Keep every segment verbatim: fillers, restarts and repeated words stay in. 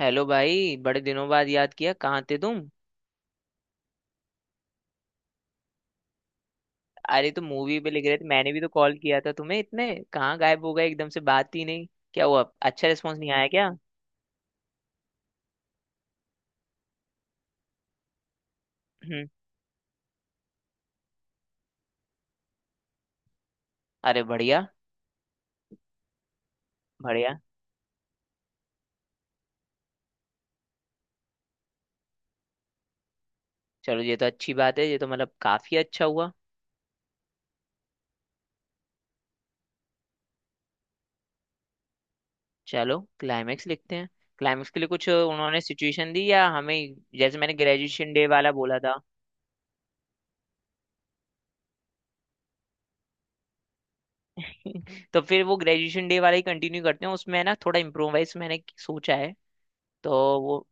Hello भाई। बड़े दिनों बाद याद किया, कहाँ थे तुम? अरे तुम मूवी पे लिख रहे थे, मैंने भी तो कॉल किया था तुम्हें इतने। कहाँ गायब हो गए एकदम से, बात ही नहीं? क्या हुआ, अच्छा रिस्पॉन्स नहीं आया क्या? हम्म। अरे बढ़िया, बढ़िया। चलो ये तो अच्छी बात है, ये तो मतलब काफी अच्छा हुआ। चलो क्लाइमेक्स लिखते हैं। क्लाइमेक्स के लिए कुछ उन्होंने सिचुएशन दी या हमें? जैसे मैंने ग्रेजुएशन डे वाला बोला था। तो फिर वो ग्रेजुएशन डे वाला ही कंटिन्यू करते हैं, उसमें है ना थोड़ा इम्प्रोवाइज मैंने सोचा है। तो वो,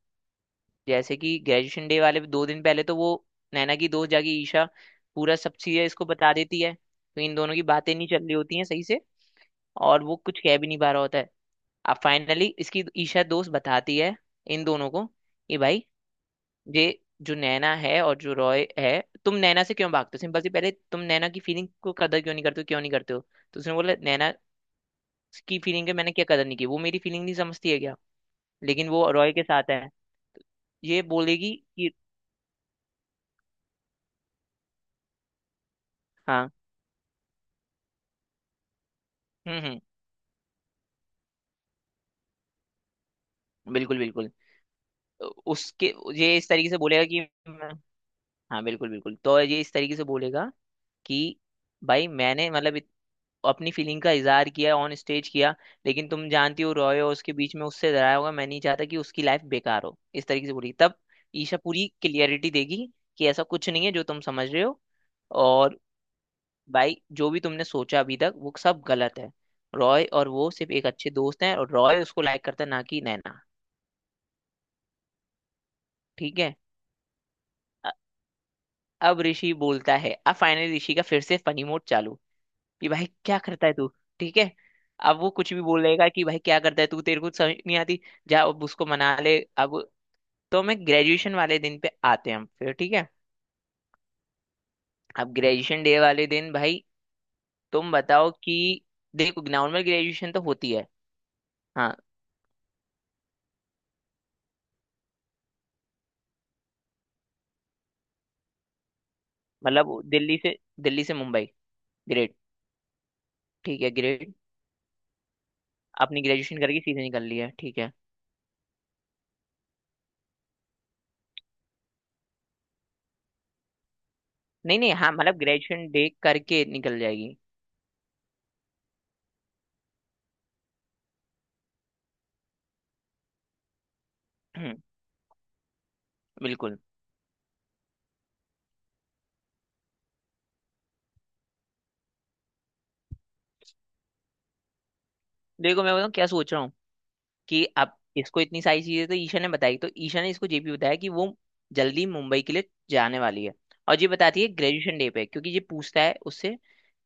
जैसे कि ग्रेजुएशन डे वाले दो दिन पहले तो वो नैना की दोस्त जाके ईशा पूरा सब चीजें इसको बता देती है, तो इन दोनों की बातें नहीं चल रही होती हैं सही से। और वो कुछ कह भी नहीं पा रहा होता है। अब फाइनली इसकी ईशा दोस्त बताती है इन दोनों को कि भाई ये जो नैना है और जो रॉय है, तुम नैना से क्यों भागते हो? सिंपल सी, पहले तुम नैना की फीलिंग को कदर क्यों नहीं करते हो? क्यों नहीं करते हो? तो उसने बोला, नैना की फीलिंग है, मैंने क्या कदर नहीं की? वो मेरी फीलिंग नहीं समझती है क्या? लेकिन वो रॉय के साथ है। ये बोलेगी कि हाँ। हम्म हम्म। बिल्कुल बिल्कुल। तो उसके ये इस तरीके से बोलेगा कि मैं- हाँ बिल्कुल बिल्कुल, तो ये इस तरीके से बोलेगा कि भाई मैंने मतलब इत- अपनी फीलिंग का इजहार किया, ऑन स्टेज किया, लेकिन तुम जानती हो रॉय हो उसके बीच में उससे डराया होगा, मैं नहीं चाहता कि उसकी लाइफ बेकार हो, इस तरीके से बोलेगी। तब ईशा पूरी क्लियरिटी देगी कि ऐसा कुछ नहीं है जो तुम समझ रहे हो, और भाई जो भी तुमने सोचा अभी तक वो सब गलत है। रॉय और वो सिर्फ एक अच्छे दोस्त हैं, और रॉय उसको लाइक करता है ना कि नैना। ठीक है। अब ऋषि बोलता है, अब फाइनली ऋषि का फिर से फनी मोड चालू, कि भाई क्या करता है तू? ठीक है। अब वो कुछ भी बोलेगा कि भाई क्या करता है तू, तेरे को तो समझ नहीं आती, जा अब उसको मना ले अब। तो मैं ग्रेजुएशन वाले दिन पे आते हैं हम फिर, ठीक है। अब ग्रेजुएशन डे वाले दिन भाई तुम बताओ कि देखो नॉर्मल ग्रेजुएशन तो होती है, हाँ। मतलब वो दिल्ली से दिल्ली से मुंबई ग्रेड, ठीक है ग्रेड। अपनी ग्रेजुएशन करके सीधे निकल ली है, ठीक है। नहीं नहीं, हाँ मतलब ग्रेजुएशन डे करके निकल जाएगी। हम्म, बिल्कुल। देखो मैं बताऊँ क्या सोच रहा हूँ, कि अब इसको इतनी सारी चीजें तो ईशा ने बताई, तो ईशा ने इसको ये भी बताया कि वो जल्दी मुंबई के लिए जाने वाली है। और ये बताती है ग्रेजुएशन डे पे, क्योंकि ये पूछता है उससे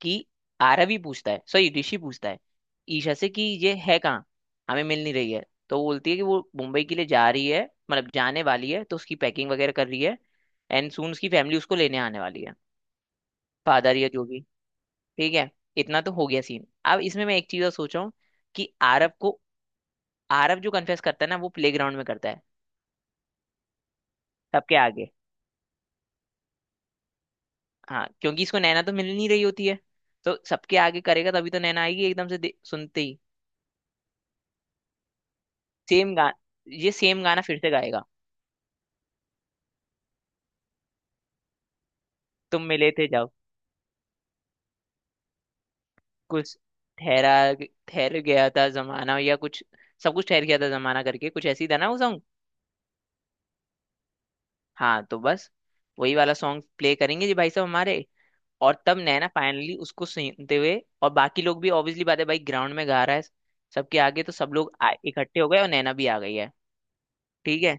कि आरवी पूछता है, सॉरी, ऋषि पूछता है ईशा से कि ये है कहाँ, हमें मिल नहीं रही है। तो वो बोलती है कि वो मुंबई के लिए जा रही है, मतलब जाने वाली है, तो उसकी पैकिंग वगैरह कर रही है। एंड सून उसकी फैमिली उसको लेने आने वाली है, फादर या जो भी। ठीक है, इतना तो हो गया सीन। अब इसमें मैं एक चीज और सोच रहा हूँ कि आरव को, आरव जो कन्फेस करता है ना वो प्लेग्राउंड में करता है, सबके आगे। हाँ क्योंकि इसको नैना तो मिल नहीं रही होती है, तो सबके आगे करेगा तभी तो नैना आएगी एकदम से दे- सुनते ही। सेम गा- ये सेम गाना फिर से गाएगा। तुम मिले थे जब, कुछ ठहरा- ठहर गया था जमाना या कुछ, सब कुछ ठहर गया था जमाना करके कुछ ऐसी था ना वो सॉन्ग। हाँ तो बस वही वाला सॉन्ग प्ले करेंगे जी भाई साहब हमारे। और तब नैना फाइनली उसको सुनते हुए, और बाकी लोग भी ऑब्वियसली बात है भाई, ग्राउंड में गा रहा है सबके आगे तो सब लोग आ- इकट्ठे हो गए, और नैना भी आ गई है। ठीक है।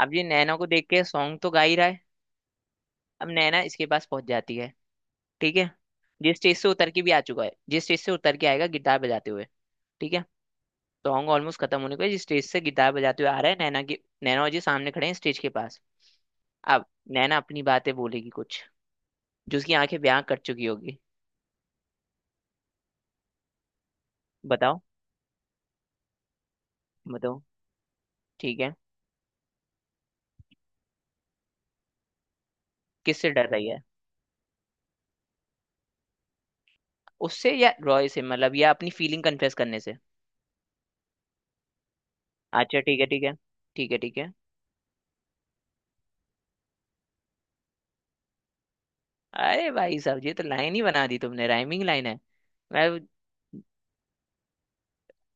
अब ये नैना को देख के सॉन्ग तो गा ही रहा है, अब नैना इसके पास पहुंच जाती है। ठीक है। जिस स्टेज से उतर के भी आ चुका है, जिस स्टेज से उतर के आएगा गिटार बजाते हुए, ठीक है। सॉन्ग ऑलमोस्ट खत्म होने को है, जिस स्टेज से गिटार बजाते हुए आ रहा है, नैना की नैना और जी सामने खड़े हैं स्टेज के पास। अब नैना अपनी बातें बोलेगी कुछ, जो उसकी आंखें ब्याह कर चुकी होगी। बताओ बताओ। ठीक है। किससे डर रही है? उससे या रॉय से, मतलब, या अपनी फीलिंग कन्फेस करने से? अच्छा ठीक है, ठीक है। ठीक है, ठीक है। अरे भाई साहब ये तो लाइन ही बना दी तुमने, राइमिंग लाइन है। मैं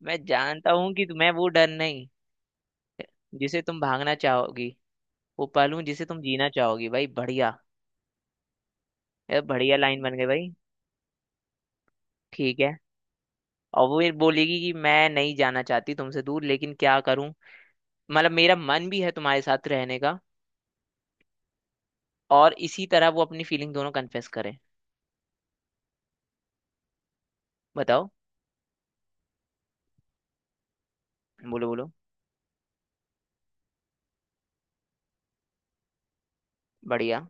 मैं जानता हूँ कि तुम्हें वो डर नहीं, जिसे तुम भागना चाहोगी, वो पल हूँ जिसे तुम जीना चाहोगी। भाई बढ़िया, ये बढ़िया लाइन बन गई भाई। ठीक है। और वो ये बोलेगी कि मैं नहीं जाना चाहती तुमसे दूर, लेकिन क्या करूं, मतलब मेरा मन भी है तुम्हारे साथ रहने का। और इसी तरह वो अपनी फीलिंग दोनों कन्फेस करे। बताओ, बोलो बोलो। बढ़िया।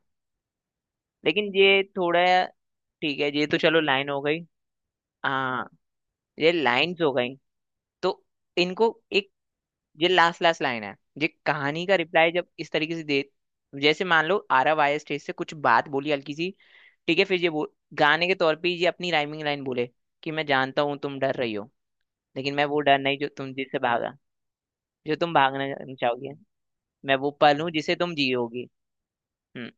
लेकिन ये थोड़ा, ठीक है ये तो चलो लाइन हो गई। हाँ ये लाइन्स हो गई। तो इनको एक, ये लास्ट लास्ट लाइन है। ये कहानी का रिप्लाई जब इस तरीके से दे, जैसे मान लो आरव आया स्टेज से कुछ बात बोली हल्की सी, ठीक है फिर ये बोल, गाने के तौर पे ये अपनी राइमिंग लाइन बोले कि मैं जानता हूँ तुम डर रही हो, लेकिन मैं वो डर नहीं जो तुम जिससे भागा, जो तुम भागना चाहोगे, मैं वो पल हूँ जिसे तुम जियोगी। हम्म।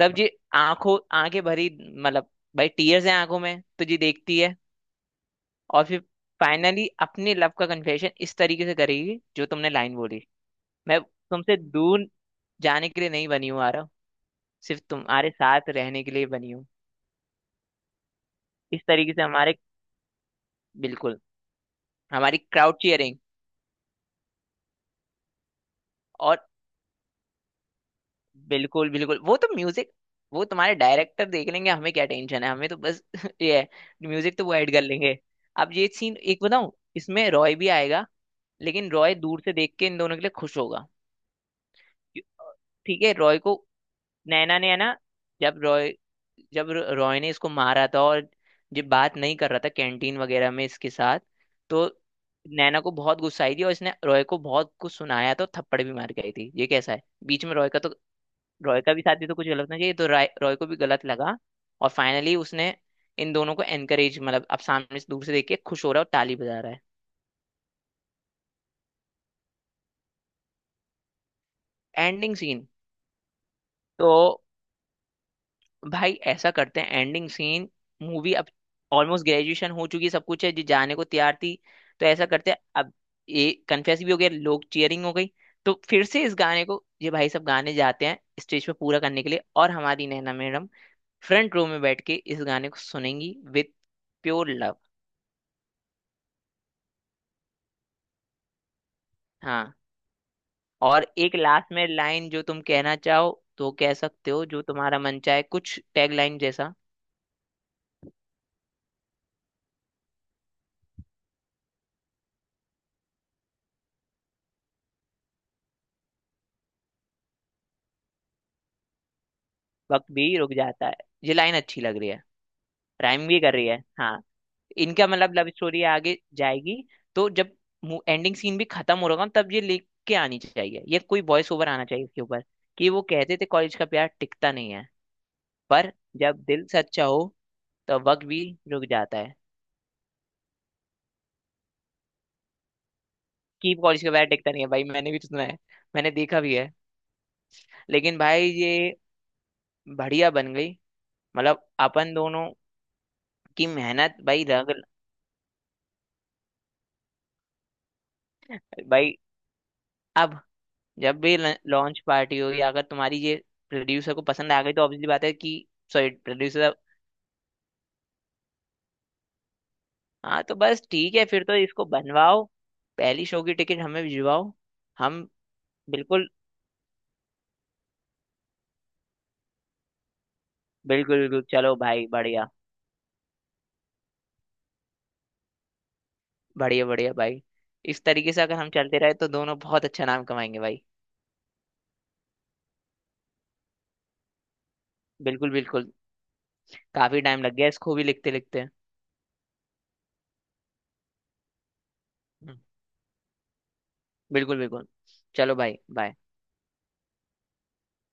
तब जी आंखों आंखें भरी, मतलब भाई टीयर्स हैं आंखों में तो जी देखती है। और फिर फाइनली अपने लव का कन्फेशन इस तरीके से करेगी जो तुमने लाइन बोली। मैं तुमसे दूर जाने के लिए नहीं बनी हूँ आरव, सिर्फ तुम्हारे साथ रहने के लिए बनी हूँ। इस तरीके से हमारे, बिल्कुल। हमारी क्राउड चीयरिंग, और बिल्कुल बिल्कुल वो तो म्यूजिक, वो तुम्हारे डायरेक्टर देख लेंगे, हमें क्या टेंशन है, हमें तो बस ये है, म्यूजिक तो वो ऐड कर लेंगे। अब ये सीन एक बताऊं, इसमें रॉय भी आएगा, लेकिन रॉय दूर से देख के इन दोनों के लिए खुश होगा। ठीक है। रॉय को, नैना ने है ना, जब रॉय, जब र- रॉय ने इसको मारा था, और जब बात नहीं कर रहा था कैंटीन वगैरह में इसके साथ, तो नैना को बहुत गुस्सा आई थी, और इसने रॉय को बहुत कुछ सुनाया, तो थप्पड़ भी मार गई थी ये कैसा है बीच में रॉय का, तो रॉय का भी साथ भी तो कुछ गलत नहीं चाहिए तो रॉय रॉय को भी गलत लगा। और फाइनली उसने इन दोनों को एनकरेज, मतलब अब सामने से दूर से देख के खुश हो रहा है और ताली बजा रहा है। Ending scene. तो भाई ऐसा करते हैं एंडिंग सीन, मूवी अब ऑलमोस्ट ग्रेजुएशन हो चुकी है, सब कुछ है जी जाने को तैयार थी। तो ऐसा करते हैं अब, ये कन्फेस भी हो गया, लोग चीयरिंग हो गई, तो फिर से इस गाने को ये भाई सब गाने जाते हैं स्टेज पे पूरा करने के लिए, और हमारी नैना मैडम फ्रंट रो में बैठ के इस गाने को सुनेंगी विथ प्योर लव। हाँ। और एक लास्ट में लाइन जो तुम कहना चाहो तो कह सकते हो, जो तुम्हारा मन चाहे, कुछ टैग लाइन जैसा। वक्त भी रुक जाता है, ये लाइन अच्छी लग रही है, राइम भी कर रही है हाँ। इनका मतलब लव स्टोरी आगे जाएगी। तो जब एंडिंग सीन भी खत्म हो रहा तब ये लेके आनी चाहिए, ये कोई वॉइस ओवर आना चाहिए इसके ऊपर कि वो कहते थे कॉलेज का प्यार टिकता नहीं है, पर जब दिल सच्चा हो तो वक्त भी रुक जाता है। कि कॉलेज का प्यार टिकता नहीं है भाई, मैंने भी तो सुना है, मैंने देखा भी है। लेकिन भाई ये बढ़िया बन गई। मतलब अपन दोनों की मेहनत भाई रग- भाई अब जब भी लॉन्च पार्टी हो, या अगर तुम्हारी ये प्रोड्यूसर को पसंद आ गई, तो ऑब्वियसली बात है कि, सॉरी प्रोड्यूसर। हाँ तो बस ठीक है, फिर तो इसको बनवाओ, पहली शो की टिकट हमें भिजवाओ। हम, बिल्कुल बिल्कुल बिल्कुल। चलो भाई बढ़िया, बढ़िया बढ़िया भाई। इस तरीके से अगर हम चलते रहे तो दोनों बहुत अच्छा नाम कमाएंगे भाई। बिल्कुल बिल्कुल। काफी टाइम लग गया इसको भी लिखते लिखते। हम्म, बिल्कुल बिल्कुल। चलो भाई बाय।